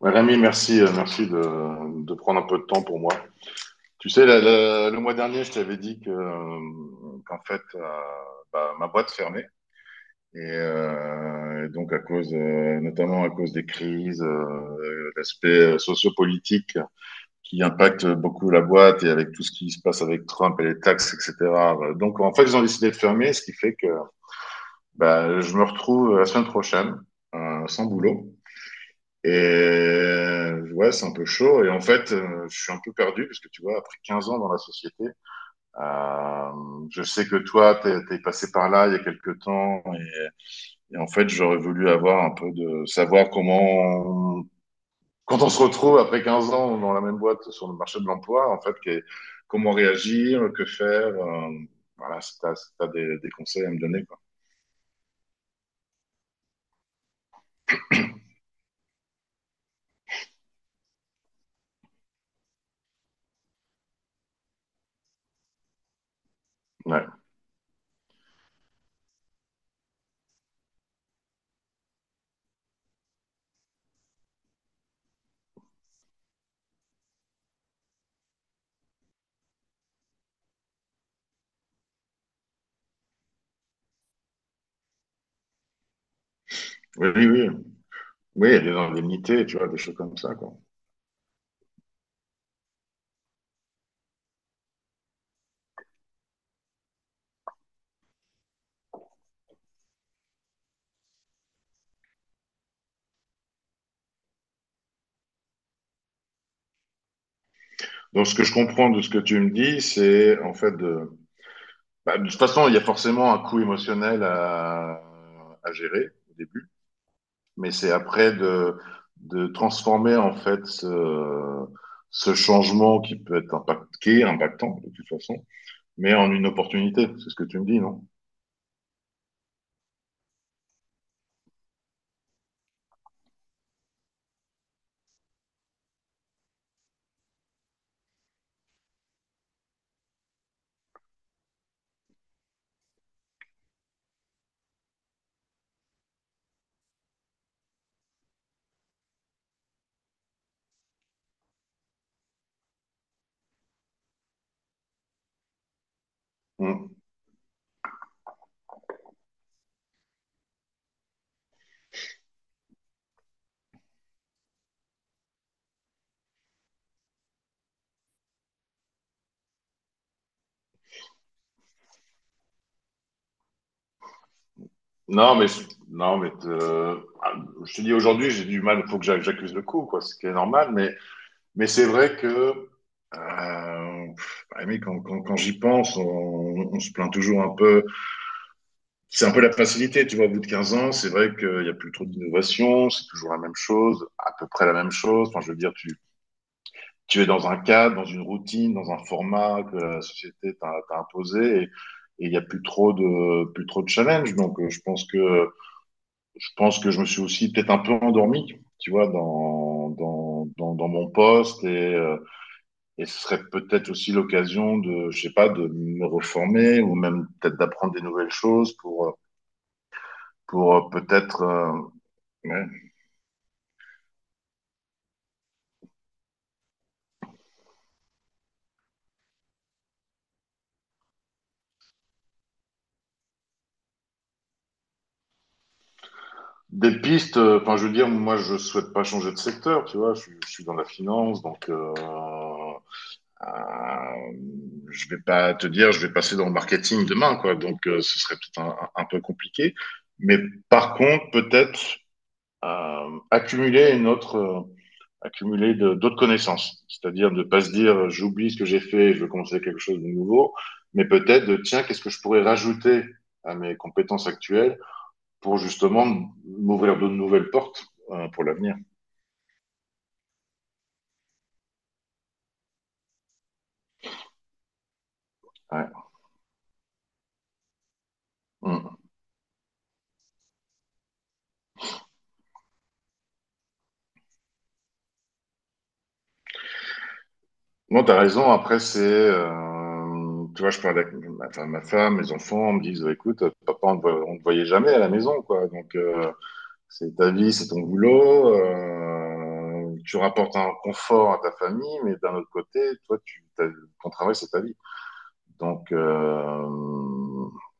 Ouais, Rémi, merci, merci de prendre un peu de temps pour moi. Tu sais, le mois dernier, je t'avais dit que, qu'en fait, ma boîte fermait. Et donc, notamment à cause des crises, l'aspect sociopolitique qui impacte beaucoup la boîte et avec tout ce qui se passe avec Trump et les taxes, etc. Donc, en fait, ils ont décidé de fermer, ce qui fait que bah, je me retrouve la semaine prochaine sans boulot. Et ouais, c'est un peu chaud. Et en fait, je suis un peu perdu parce que tu vois, après 15 ans dans la société, euh, je sais que toi, t'es passé par là il y a quelques temps. Et en fait, j'aurais voulu avoir un peu de savoir quand on se retrouve après 15 ans dans la même boîte sur le marché de l'emploi, en fait, comment réagir, que faire. Voilà, si t'as des conseils à me donner, quoi. Ouais. Oui, oui, oui. Oui, il y a des indemnités, tu vois, des choses comme ça, quoi. Donc, ce que je comprends de ce que tu me dis, c'est en fait de. Bah, de toute façon, il y a forcément un coût émotionnel à gérer au début, mais c'est après de transformer en fait ce changement qui peut être impactant de toute façon, mais en une opportunité. C'est ce que tu me dis, non? Mm. Non, mais je- non, mais ah, je te dis aujourd'hui, j'ai du mal. Il faut que j'accuse le coup, quoi, ce qui est normal. Mais c'est vrai que euh, pff, ah, mais quand j'y pense, on se plaint toujours un peu. C'est un peu la facilité, tu vois, au bout de 15 ans, c'est vrai qu'il n'y a plus trop d'innovation, c'est toujours la même chose, à peu près la même chose. Enfin, je veux dire, tu es dans un cadre, dans une routine, dans un format que la société t'a imposé et il n'y a plus trop de challenge. Donc, je pense que je me suis aussi peut-être un peu endormi, tu vois, dans mon poste et euh, et ce serait peut-être aussi l'occasion de, je sais pas, de me reformer ou même peut-être d'apprendre des nouvelles choses pour peut-être ouais. Des pistes. Enfin, je veux dire, moi, je souhaite pas changer de secteur, tu vois. Je suis dans la finance, donc euh, je vais pas te dire, je vais passer dans le marketing demain, quoi. Donc, ce serait peut-être un peu compliqué. Mais par contre, peut-être euh, accumuler une autre, euh, accumuler d'autres connaissances. C'est-à-dire de pas se dire j'oublie ce que j'ai fait, je veux commencer quelque chose de nouveau, mais peut-être tiens, qu'est-ce que je pourrais rajouter à mes compétences actuelles pour justement m'ouvrir de nouvelles portes pour l'avenir. Ouais. Mm. Non, t'as raison. Après, c'est. Tu vois, je parle avec ma, enfin, ma femme, mes enfants, me disent bah, écoute, papa, on ne te voyait jamais à la maison, quoi. Donc. C'est ta vie, c'est ton boulot. Tu rapportes un confort à ta famille, mais d'un autre côté, toi, ton travail, c'est ta vie. Donc,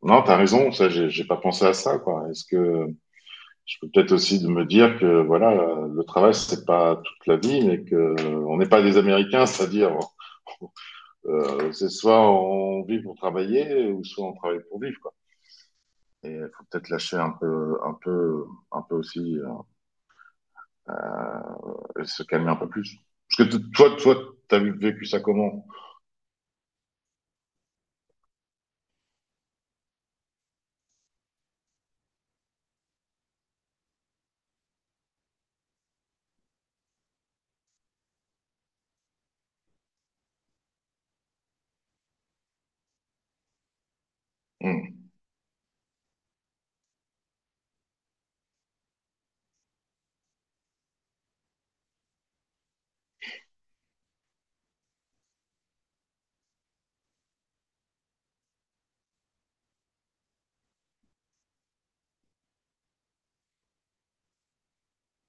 non, t'as raison. Ça, j'ai pas pensé à ça, quoi. Est-ce que je peux peut-être aussi de me dire que voilà, le travail, c'est pas toute la vie, mais que on n'est pas des Américains, c'est-à-dire c'est soit on vit pour travailler, ou soit on travaille pour vivre, quoi. Et il faut peut-être lâcher un peu aussi. Se calmer un peu plus. Parce que toi, t'as vécu ça comment. Hmm,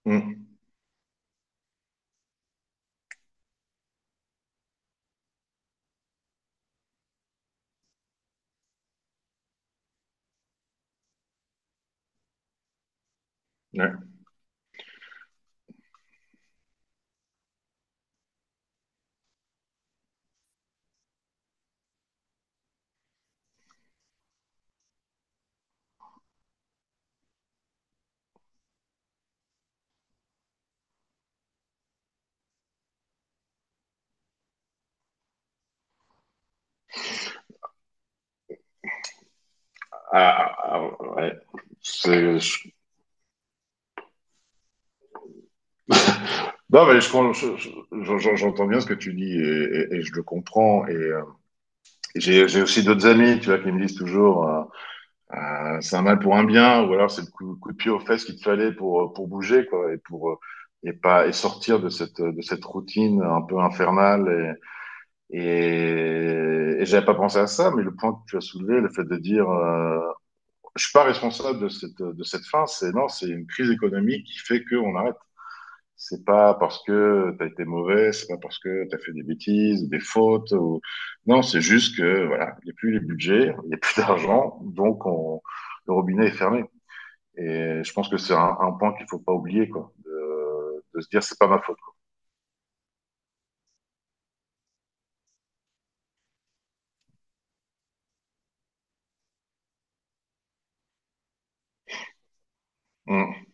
hmm, ouais. Ah, ah, ah, ouais. C'est- Non, mais je j'entends bien ce que tu dis et, et je le comprends. Et j'ai aussi d'autres amis, tu vois, qui me disent toujours, c'est un mal pour un bien, ou alors c'est le coup de pied aux fesses qu'il te fallait pour bouger, quoi, et pour et pas et sortir de cette routine un peu infernale. Et j'avais pas pensé à ça, mais le point que tu as soulevé, le fait de dire, je suis pas responsable de cette fin, c'est non, c'est une crise économique qui fait qu'on arrête. C'est pas parce que t'as été mauvais, c'est pas parce que t'as fait des bêtises, des fautes. Ou... non, c'est juste que voilà, il y a plus les budgets, il y a plus d'argent, donc on, le robinet est fermé. Et je pense que c'est un point qu'il faut pas oublier, quoi. De, se dire, c'est pas ma faute. Mmh.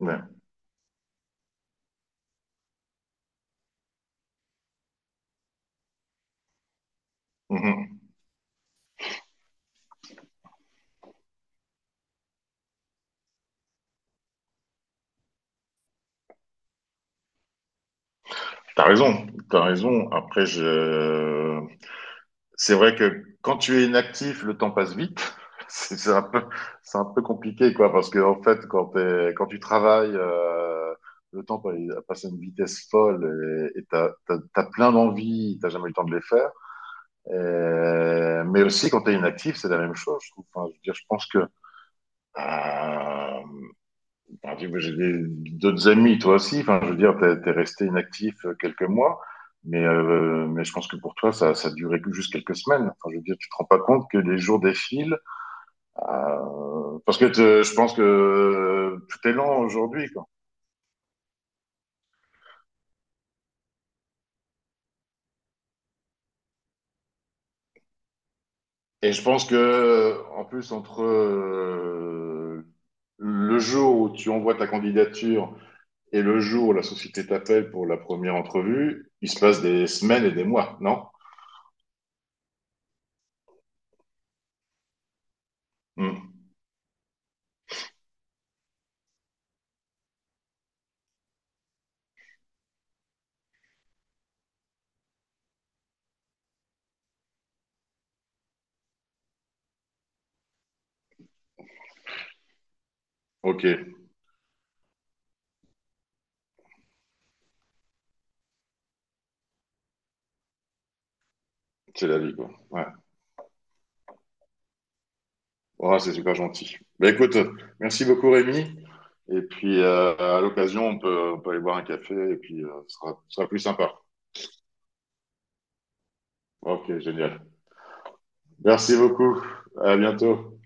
Ouais. Mmh. T'as raison, t'as raison. Après, je c'est vrai que quand tu es inactif, le temps passe vite. C'est un peu, c'est un peu compliqué, quoi, parce que en fait, quand tu travailles, le il passe à une vitesse folle et t'as plein d'envies, t'as jamais eu le temps de les faire. Et- mais aussi, quand t'es inactif, c'est la même chose. Je trouve. Enfin, je veux dire, je pense que euh, j'ai d'autres amis, toi aussi. Enfin, je veux dire, t'es resté inactif quelques mois, mais je pense que pour toi, ça a duré juste quelques semaines. Enfin, je veux dire, tu te rends pas compte que les jours défilent. euh, je pense que tout est lent aujourd'hui, quoi. Et je pense que, en plus, entre le jour où tu envoies ta candidature et le jour où la société t'appelle pour la première entrevue, il se passe des semaines et des mois, non? Hmm. Ok, c'est la vie, quoi. Ouais. Oh, c'est super gentil. Bah, écoute, merci beaucoup Rémi. Et puis à l'occasion, on peut aller boire un café et puis ce sera plus sympa. Ok, génial. Merci beaucoup. À bientôt.